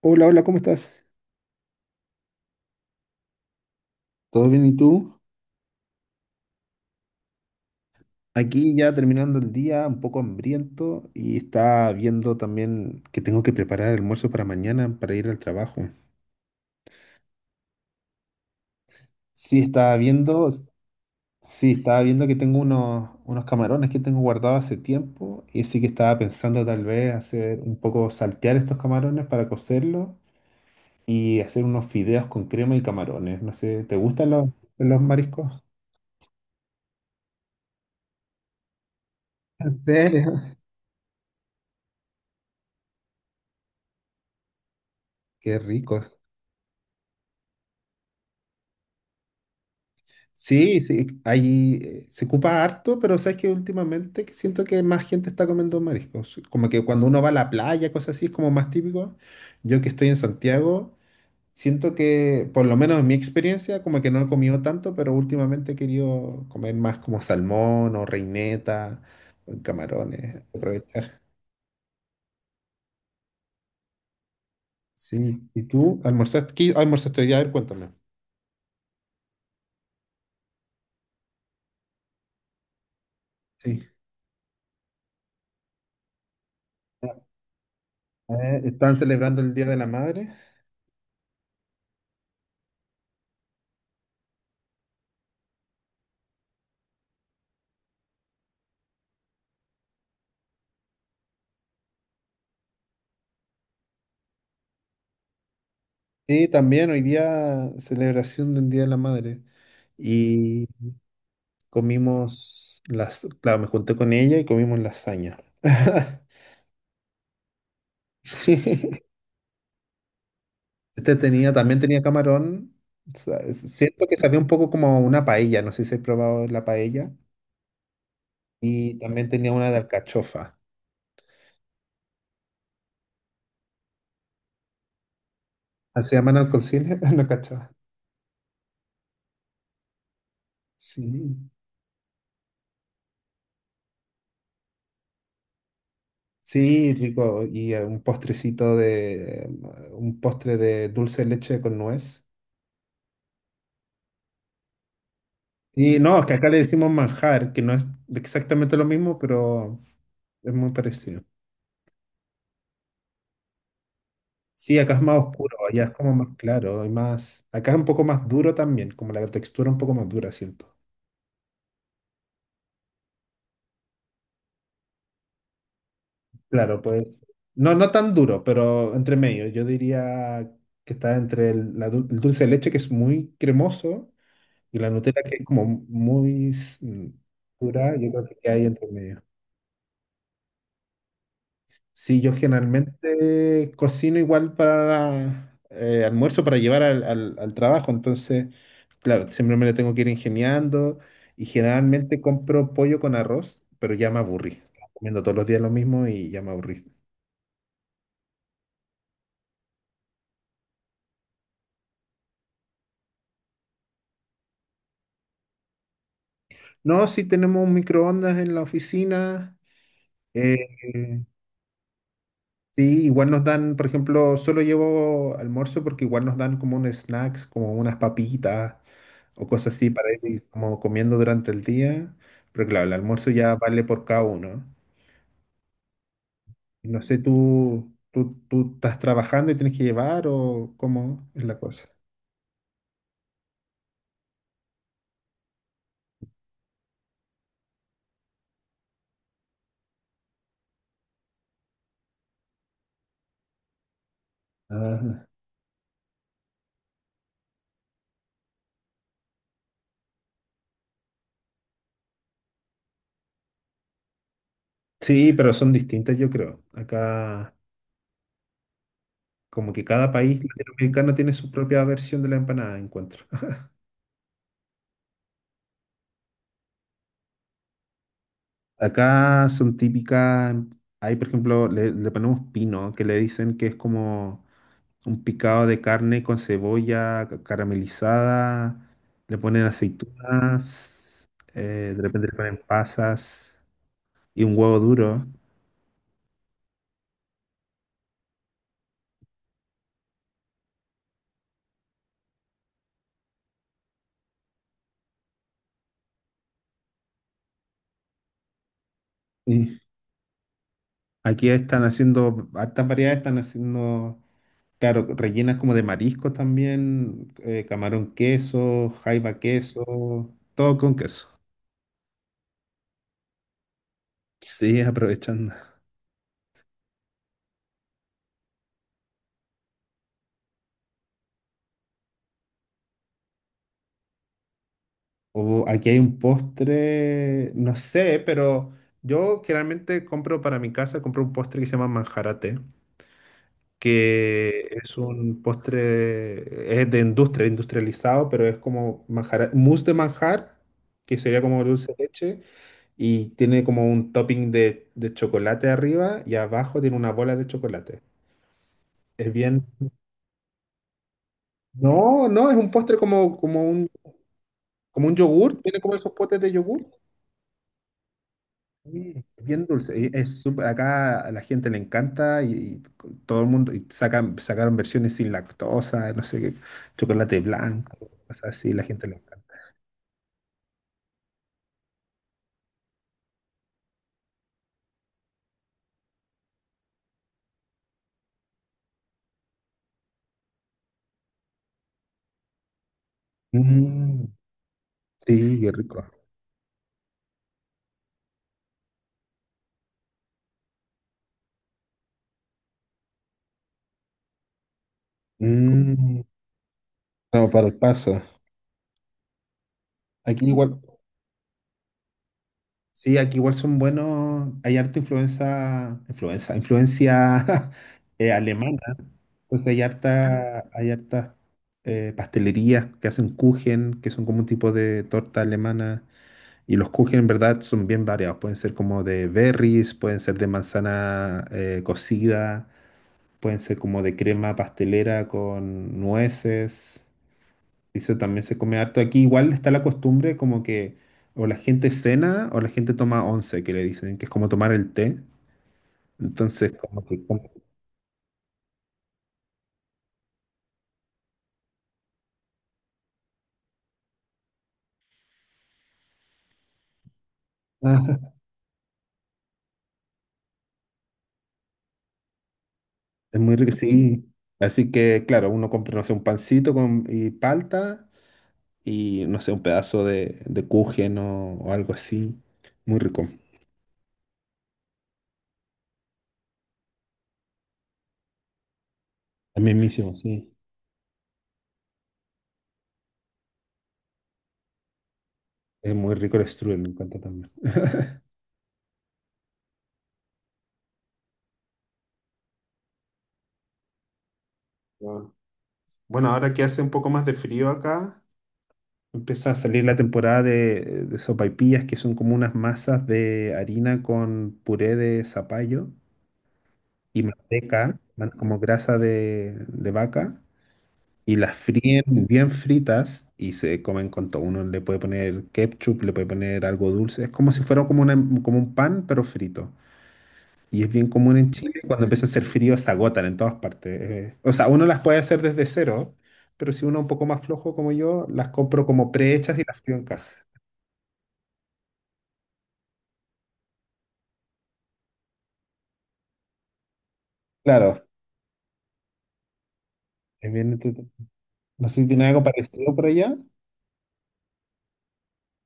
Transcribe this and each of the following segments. Hola, hola, ¿cómo estás? ¿Todo bien y tú? Aquí ya terminando el día, un poco hambriento y está viendo también que tengo que preparar el almuerzo para mañana para ir al trabajo. Sí, estaba viendo, sí, estaba viendo que tengo unos camarones que tengo guardados hace tiempo y sí que estaba pensando tal vez hacer un poco saltear estos camarones para cocerlos y hacer unos fideos con crema y camarones. No sé, ¿te gustan los mariscos? ¿En serio? Qué rico. Sí, sí, ahí se ocupa harto, pero sabes que últimamente que siento que más gente está comiendo mariscos. Como que cuando uno va a la playa, cosas así, es como más típico. Yo que estoy en Santiago, siento que, por lo menos en mi experiencia, como que no he comido tanto, pero últimamente he querido comer más como salmón o reineta, o camarones, aprovechar. Sí, ¿y tú almorzaste? ¿Qué almorzaste hoy día? A ver, cuéntame. Sí. ¿Están celebrando el Día de la Madre? Sí, también hoy día celebración del Día de la Madre. Y comimos las, claro, me junté con ella y comimos lasaña. Sí. Este tenía, también tenía camarón. O sea, siento que sabía un poco como a una paella, no sé si he probado la paella. Y también tenía una de alcachofa. ¿Así llaman alcocines? No, alcachofa. Sí. Sí, rico. Y un postrecito de, un postre de dulce de leche con nuez. Y no, es que acá le decimos manjar, que no es exactamente lo mismo, pero es muy parecido. Sí, acá es más oscuro, allá es como más claro, y más, acá es un poco más duro también, como la textura un poco más dura, siento. Claro, pues, no, no tan duro, pero entre medio. Yo diría que está entre el, la dul- el dulce de leche, que es muy cremoso, y la Nutella, que es como muy s- mm, dura, yo creo que hay entre medio. Sí, yo generalmente cocino igual para almuerzo para llevar al, al- al trabajo, entonces, claro, siempre me lo tengo que ir ingeniando y generalmente compro pollo con arroz, pero ya me aburrí. Estaba comiendo todos los días lo mismo y ya me aburrí. No, sí tenemos un microondas en la oficina. eh, sí, igual nos dan, por ejemplo, solo llevo almuerzo porque igual nos dan como un snacks, como unas papitas o cosas así para ir como comiendo durante el día, pero claro, el almuerzo ya vale por cada uno. No sé, ¿tú estás trabajando y tienes que llevar o cómo es la cosa? Ah, sí, pero son distintas, yo creo. Acá, como que cada país latinoamericano tiene su propia versión de la empanada, encuentro. Acá son típicas, hay por ejemplo, le ponemos pino, que le dicen que es como un picado de carne con cebolla ca- caramelizada, le ponen aceitunas, de repente le ponen pasas y un huevo duro. Y aquí están haciendo, hartas variedades están haciendo, claro, rellenas como de marisco también, camarón queso, jaiba queso, todo con queso. Sí, aprovechando. O aquí hay un postre, no sé, pero yo generalmente compro para mi casa, compro un postre que se llama manjarate, que es un postre, es de industria, industrializado, pero es como manjar, mousse de manjar, que sería como dulce de leche, y tiene como un topping de chocolate arriba y abajo tiene una bola de chocolate. Es bien... No, no, es un postre como, como un yogur, tiene como esos potes de yogur. Sí, es bien dulce, y es súper, acá a la gente le encanta y todo el mundo, y sacan, sacaron versiones sin lactosa, no sé qué, chocolate blanco, cosas así, la gente le encanta. Mm, sí, qué rico. Mm, no, para el paso. Aquí igual. Sí, aquí igual son buenos, hay harta influencia, influenza, influencia alemana, entonces hay harta, hay hartas pastelerías que hacen Kuchen, que son como un tipo de torta alemana. Y los kuchen en verdad son bien variados. Pueden ser como de berries, pueden ser de manzana cocida, pueden ser como de crema pastelera con nueces. Eso también se come harto. Aquí igual está la costumbre como que o la gente cena o la gente toma once, que le dicen, que es como tomar el té. Entonces, como que ah, es muy rico, sí. Así que, claro, uno compra, no sé, un pancito con, y palta y, no sé, un pedazo de kuchen o algo así. Muy rico. También mismo, sí. Es muy rico el strudel, me encanta también. Ah. Bueno, ahora que hace un poco más de frío acá, empieza a salir la temporada de sopaipillas, que son como unas masas de harina con puré de zapallo y manteca, man- como grasa de vaca, y las fríen bien fritas y se comen con todo. Uno le puede poner ketchup, le puede poner algo dulce. Es como si fuera como, una- como un pan, pero frito. Y es bien común en Chile, cuando empieza a hacer frío se agotan en todas partes. O sea, uno las puede hacer desde cero, pero si uno es un poco más flojo como yo, las compro como prehechas y las frío en casa. Claro, es bien entrete- No sé si tienen algo parecido por allá.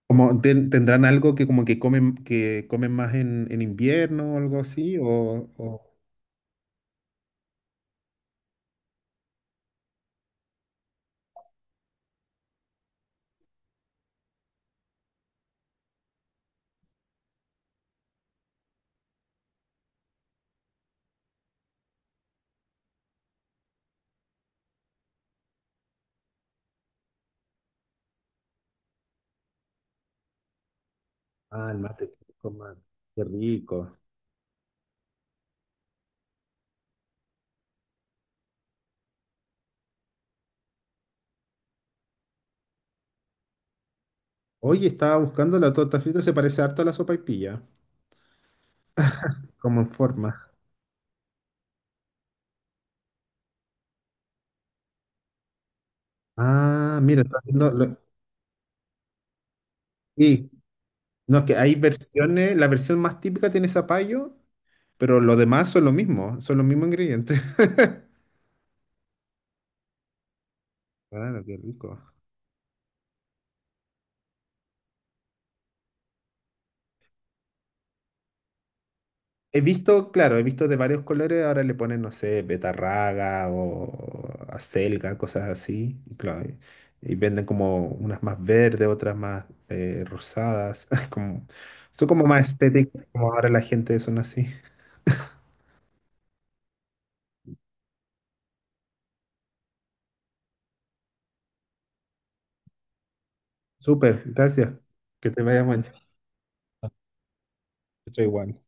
Como ten- tendrán algo que como que comen más en invierno o algo así, o- ah, el mate típico, man. Qué rico. Oye, estaba buscando la torta frita, se parece harto a la sopaipilla, como en forma. Ah, mira, está haciendo... lo- sí, no, es que hay versiones, la versión más típica tiene zapallo, pero lo demás son lo mismo, son los mismos ingredientes. Claro, qué rico. He visto, claro, he visto de varios colores, ahora le ponen, no sé, betarraga o acelga, cosas así. Y, claro, y venden como unas más verdes, otras más rosadas. Como, son como más estéticas, como ahora la gente son así. Súper, gracias. Que te vaya mañana. Estoy igual.